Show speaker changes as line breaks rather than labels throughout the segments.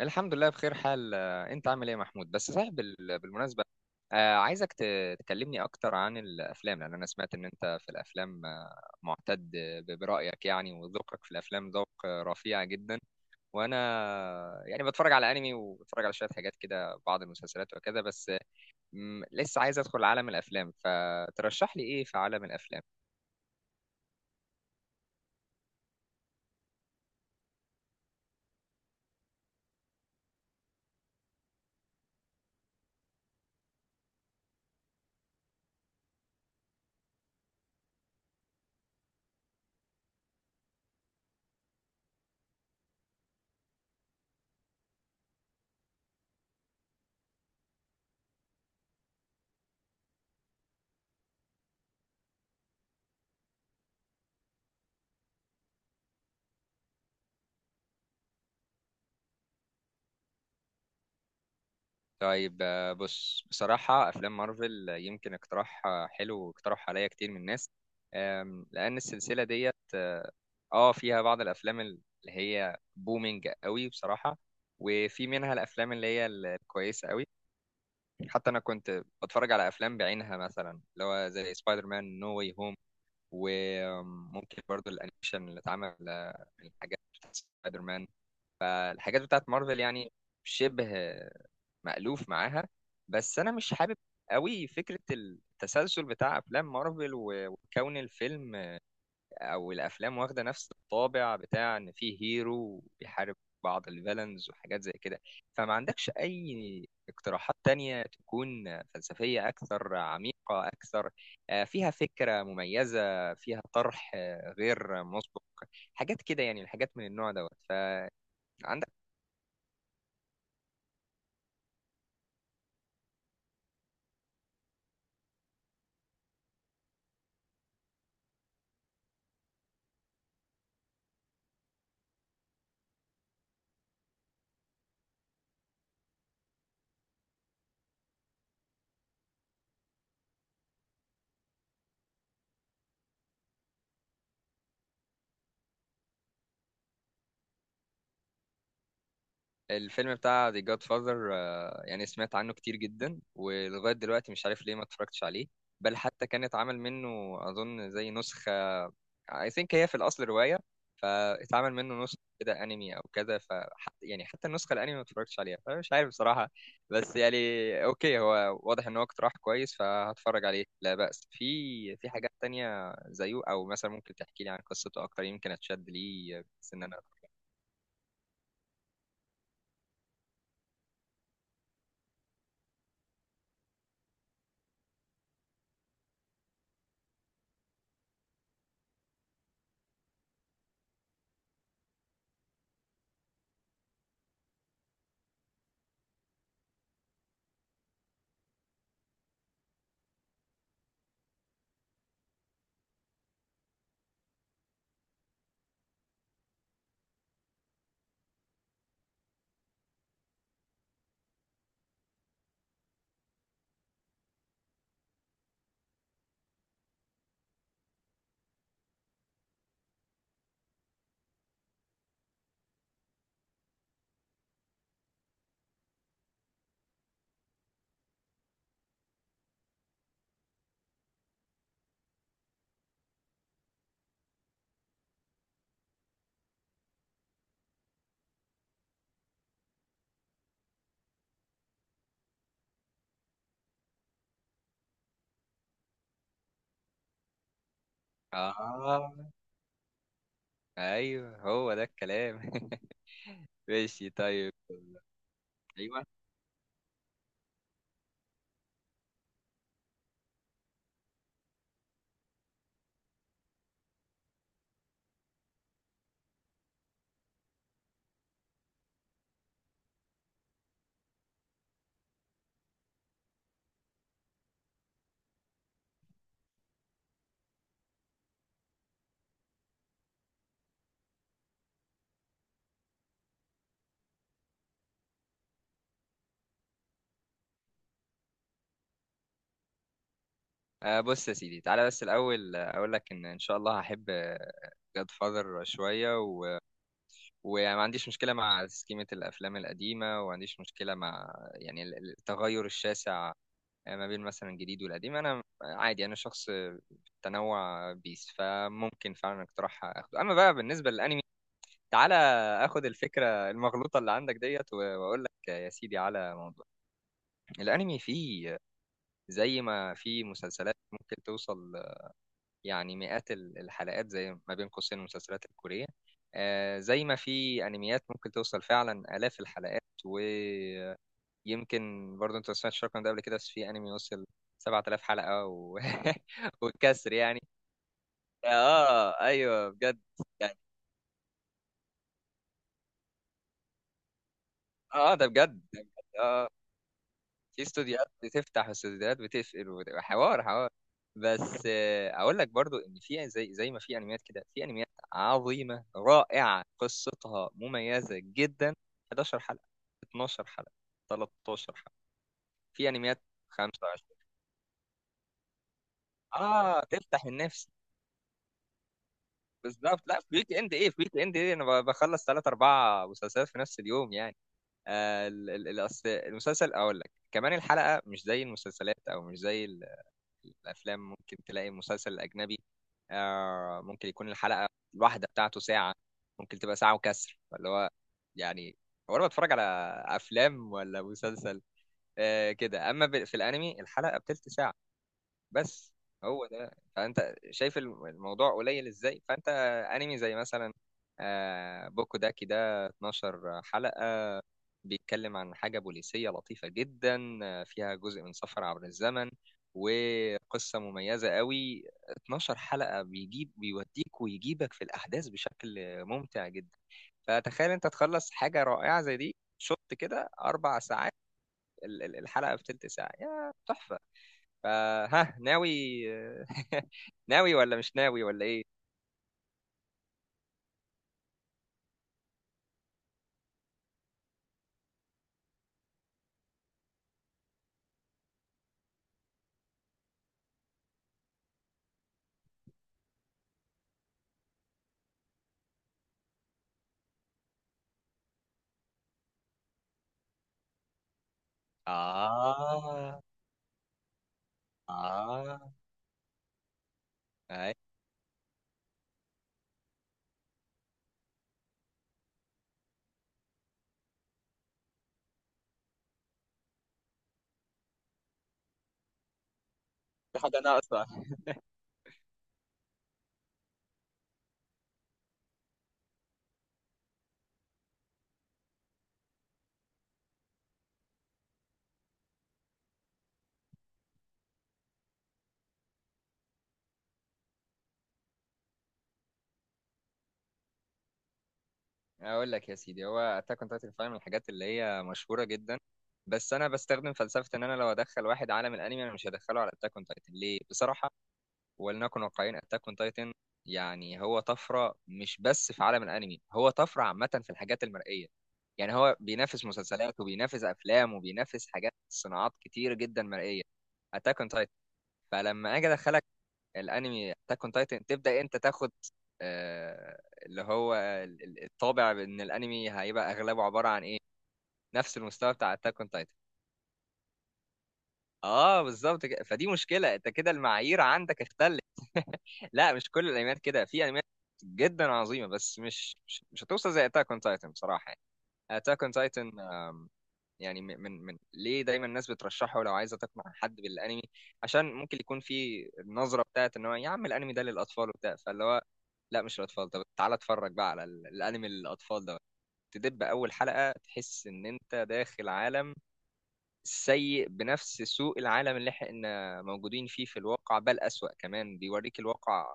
الحمد لله بخير حال، انت عامل ايه يا محمود؟ بس صحيح، بالمناسبة، عايزك تكلمني اكتر عن الافلام، لان انا سمعت ان انت في الافلام معتد برأيك يعني، وذوقك في الافلام ذوق رفيع جدا. وانا يعني بتفرج على انمي وبتفرج على شوية حاجات كده، بعض المسلسلات وكذا، بس لسه عايز ادخل عالم الافلام، فترشح لي ايه في عالم الافلام؟ طيب، بص. بصراحة أفلام مارفل يمكن اقتراح حلو، واقترح عليا كتير من الناس، لأن السلسلة ديت اه فيها بعض الأفلام اللي هي بومينج قوي بصراحة، وفي منها الأفلام اللي هي الكويسة قوي. حتى أنا كنت بتفرج على أفلام بعينها، مثلا اللي هو زي سبايدر مان نو واي هوم، وممكن برضو الأنيميشن اللي اتعمل من الحاجات بتاعت سبايدر مان. فالحاجات بتاعت مارفل يعني شبه مألوف معاها. بس انا مش حابب قوي فكرة التسلسل بتاع افلام مارفل، وكون الفيلم او الافلام واخدة نفس الطابع بتاع ان فيه هيرو بيحارب بعض الفيلنز وحاجات زي كده. فما عندكش اي اقتراحات تانية تكون فلسفية اكثر، عميقة اكثر، فيها فكرة مميزة، فيها طرح غير مسبق، حاجات كده يعني، الحاجات من النوع دوت؟ فعندك الفيلم بتاع The Godfather، يعني سمعت عنه كتير جدا ولغاية دلوقتي مش عارف ليه ما اتفرجتش عليه. بل حتى كان اتعمل منه أظن زي نسخة، I think هي في الأصل رواية، فاتعمل منه نسخة كده أنمي أو كده. فحتى يعني حتى النسخة الأنمي ما اتفرجتش عليها، فمش عارف بصراحة. بس يعني أوكي، هو واضح إن هو اقتراح كويس فهتفرج عليه لا بأس. في حاجات تانية زيه؟ أو مثلا ممكن تحكي لي عن قصته أكتر يمكن أتشد ليه، بس إن أنا آه ايوه هو ده الكلام. ماشي، طيب. ايوه، آه بص يا سيدي، تعالى بس الاول. اقول لك ان ان شاء الله هحب جاد فاذر شويه، وما عنديش مشكله مع سكيمه الافلام القديمه، وما عنديش مشكله مع يعني التغير الشاسع ما بين مثلا الجديد والقديم. انا عادي، انا شخص تنوع بيس، فممكن فعلا اقتراح اخده. اما بقى بالنسبه للانمي، تعالى اخد الفكره المغلوطه اللي عندك ديت، واقول لك يا سيدي على موضوع الانمي. فيه زي ما في مسلسلات ممكن توصل يعني مئات الحلقات، زي ما بين قوسين المسلسلات الكورية، زي ما في انميات ممكن توصل فعلا آلاف الحلقات. ويمكن برضه انت ما سمعتش الرقم ده قبل كده، بس في انمي وصل 7,000 حلقة والكسر يعني. اه ايوه بجد يعني. اه ده بجد ده بجد. اه في استوديوهات بتفتح واستوديوهات بتقفل، وبتبقى حوار حوار. بس اقول لك برضو ان في زي ما في انميات كده في انميات عظيمه رائعه قصتها مميزه جدا، 11 حلقه، 12 حلقه، 13 حلقه. في انميات 25. اه تفتح النفس. بالظبط. لا في ويك اند ايه، في ويك اند ايه انا بخلص ثلاث اربع مسلسلات في نفس اليوم يعني. آه المسلسل اقول لك كمان الحلقه مش زي المسلسلات او مش زي الافلام، ممكن تلاقي مسلسل اجنبي آه ممكن يكون الحلقه الواحده بتاعته ساعه، ممكن تبقى ساعه وكسر. فاللي هو يعني، هو انا بتفرج على افلام ولا مسلسل آه كده؟ اما في الانمي الحلقه بتلت ساعه بس. هو ده، فانت شايف الموضوع قليل ازاي. فانت، انمي زي مثلا بوكو داكي ده 12 حلقة، بيتكلم عن حاجة بوليسية لطيفة جدا، فيها جزء من سفر عبر الزمن وقصة مميزة قوي. 12 حلقة بيجيب بيوديك ويجيبك في الأحداث بشكل ممتع جدا. فتخيل انت تخلص حاجة رائعة زي دي شوط كده 4 ساعات، الحلقة في تلت ساعة يا تحفة. فها ناوي ناوي ولا مش ناوي ولا ايه؟ اه اه أي. في حاجة ناقصة. اقول لك يا سيدي، هو اتاك اون تايتن فعلا من الحاجات اللي هي مشهوره جدا، بس انا بستخدم فلسفه ان انا لو ادخل واحد عالم الانمي، انا مش هدخله على اتاك اون تايتن. ليه؟ بصراحه ولنكن واقعيين، اتاك اون تايتن يعني هو طفره مش بس في عالم الانمي، هو طفره عامه في الحاجات المرئيه. يعني هو بينافس مسلسلات وبينافس افلام وبينافس حاجات صناعات كتير جدا مرئيه، اتاك اون تايتن. فلما اجي ادخلك الانمي اتاك اون تايتن، تبدا انت تاخد اللي هو الطابع ان الانمي هيبقى اغلبه عباره عن ايه؟ نفس المستوى بتاع اتاك اون تايتن. اه بالظبط كده، فدي مشكله. انت كده المعايير عندك اختلت. لا مش كل الانميات كده، في انميات جدا عظيمه، بس مش هتوصل زي اتاك اون تايتن بصراحه. اتاك اون تايتن يعني ليه دايما الناس بترشحه لو عايزه تقنع حد بالانمي؟ عشان ممكن يكون في النظره بتاعت ان هو يا عم الانمي ده للاطفال وبتاع، فاللي هو لا مش للاطفال. طب تعالى اتفرج بقى على الانمي للاطفال ده، تدب اول حلقه تحس ان انت داخل عالم سيء بنفس سوء العالم اللي احنا موجودين فيه في الواقع، بل أسوأ كمان. بيوريك الواقع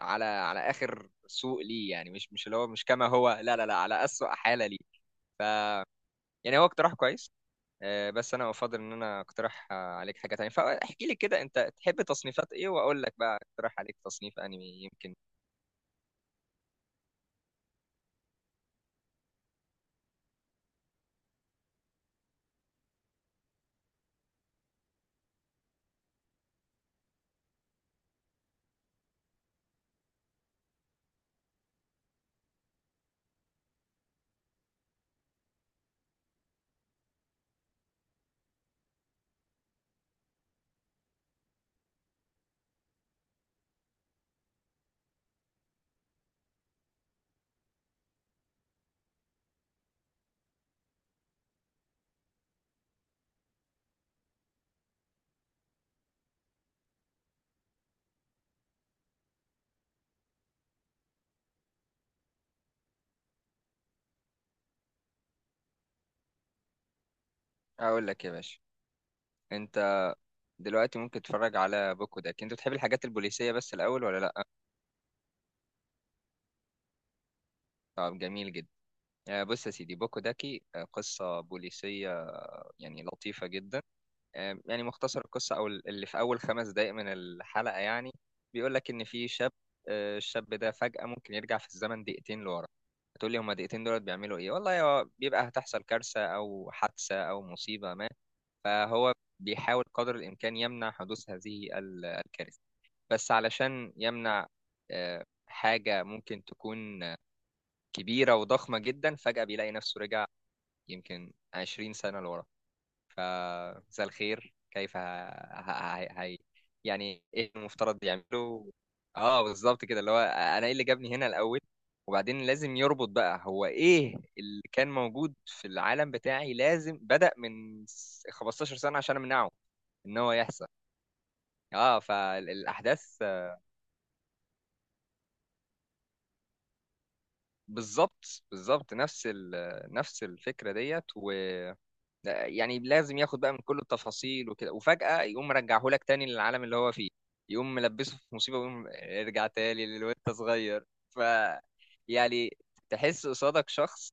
على على آخر سوء ليه، يعني مش مش اللي هو مش كما هو، لا لا لا، على أسوأ حالة ليه. ف يعني هو اقتراح كويس، بس انا افضل ان انا اقترح عليك حاجه تانية. فاحكي لي كده انت تحب تصنيفات ايه واقول لك بقى اقترح عليك تصنيف انمي يمكن. اقول لك يا باشا، انت دلوقتي ممكن تتفرج على بوكو داك. انت بتحب الحاجات البوليسيه بس الاول ولا لا؟ طب جميل جدا. بص يا سيدي، بوكو داكي، قصة بوليسية يعني لطيفة جدا. يعني مختصر القصة أو اللي في أول 5 دقايق من الحلقة يعني بيقول لك إن في شاب، الشاب ده فجأة ممكن يرجع في الزمن دقيقتين لورا. هتقول لي هما دقيقتين دولت بيعملوا إيه؟ والله هو بيبقى هتحصل كارثة أو حادثة أو مصيبة ما، فهو بيحاول قدر الإمكان يمنع حدوث هذه الكارثة. بس علشان يمنع حاجة ممكن تكون كبيرة وضخمة جدا، فجأة بيلاقي نفسه رجع يمكن 20 سنة لورا. فمساء الخير، كيف يعني ايه المفترض يعمله؟ اه بالظبط كده، اللي هو انا ايه اللي جابني هنا الاول؟ وبعدين لازم يربط بقى هو ايه اللي كان موجود في العالم بتاعي، لازم بدأ من 15 سنة عشان امنعه ان هو يحصل. اه فالاحداث، بالظبط بالظبط نفس الفكرة ديت. ده يعني لازم ياخد بقى من كل التفاصيل وكده، وفجأة يقوم مرجعه لك تاني للعالم اللي هو فيه، يقوم ملبسه في مصيبة ويقوم ارجع تاني للوقت صغير ف يعني تحس قصادك شخص.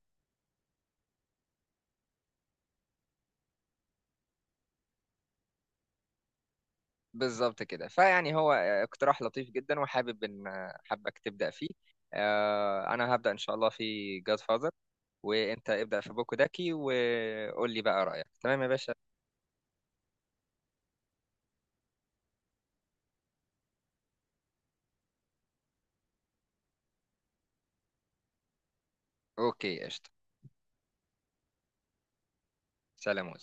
بالظبط كده، فيعني هو اقتراح لطيف جدا وحابب ان حابك تبدأ فيه. انا هبدأ ان شاء الله في جاد فاذر، وانت ابدأ في بوكو داكي وقول لي بقى رأيك تمام يا باشا. اوكي قشطة. سلام.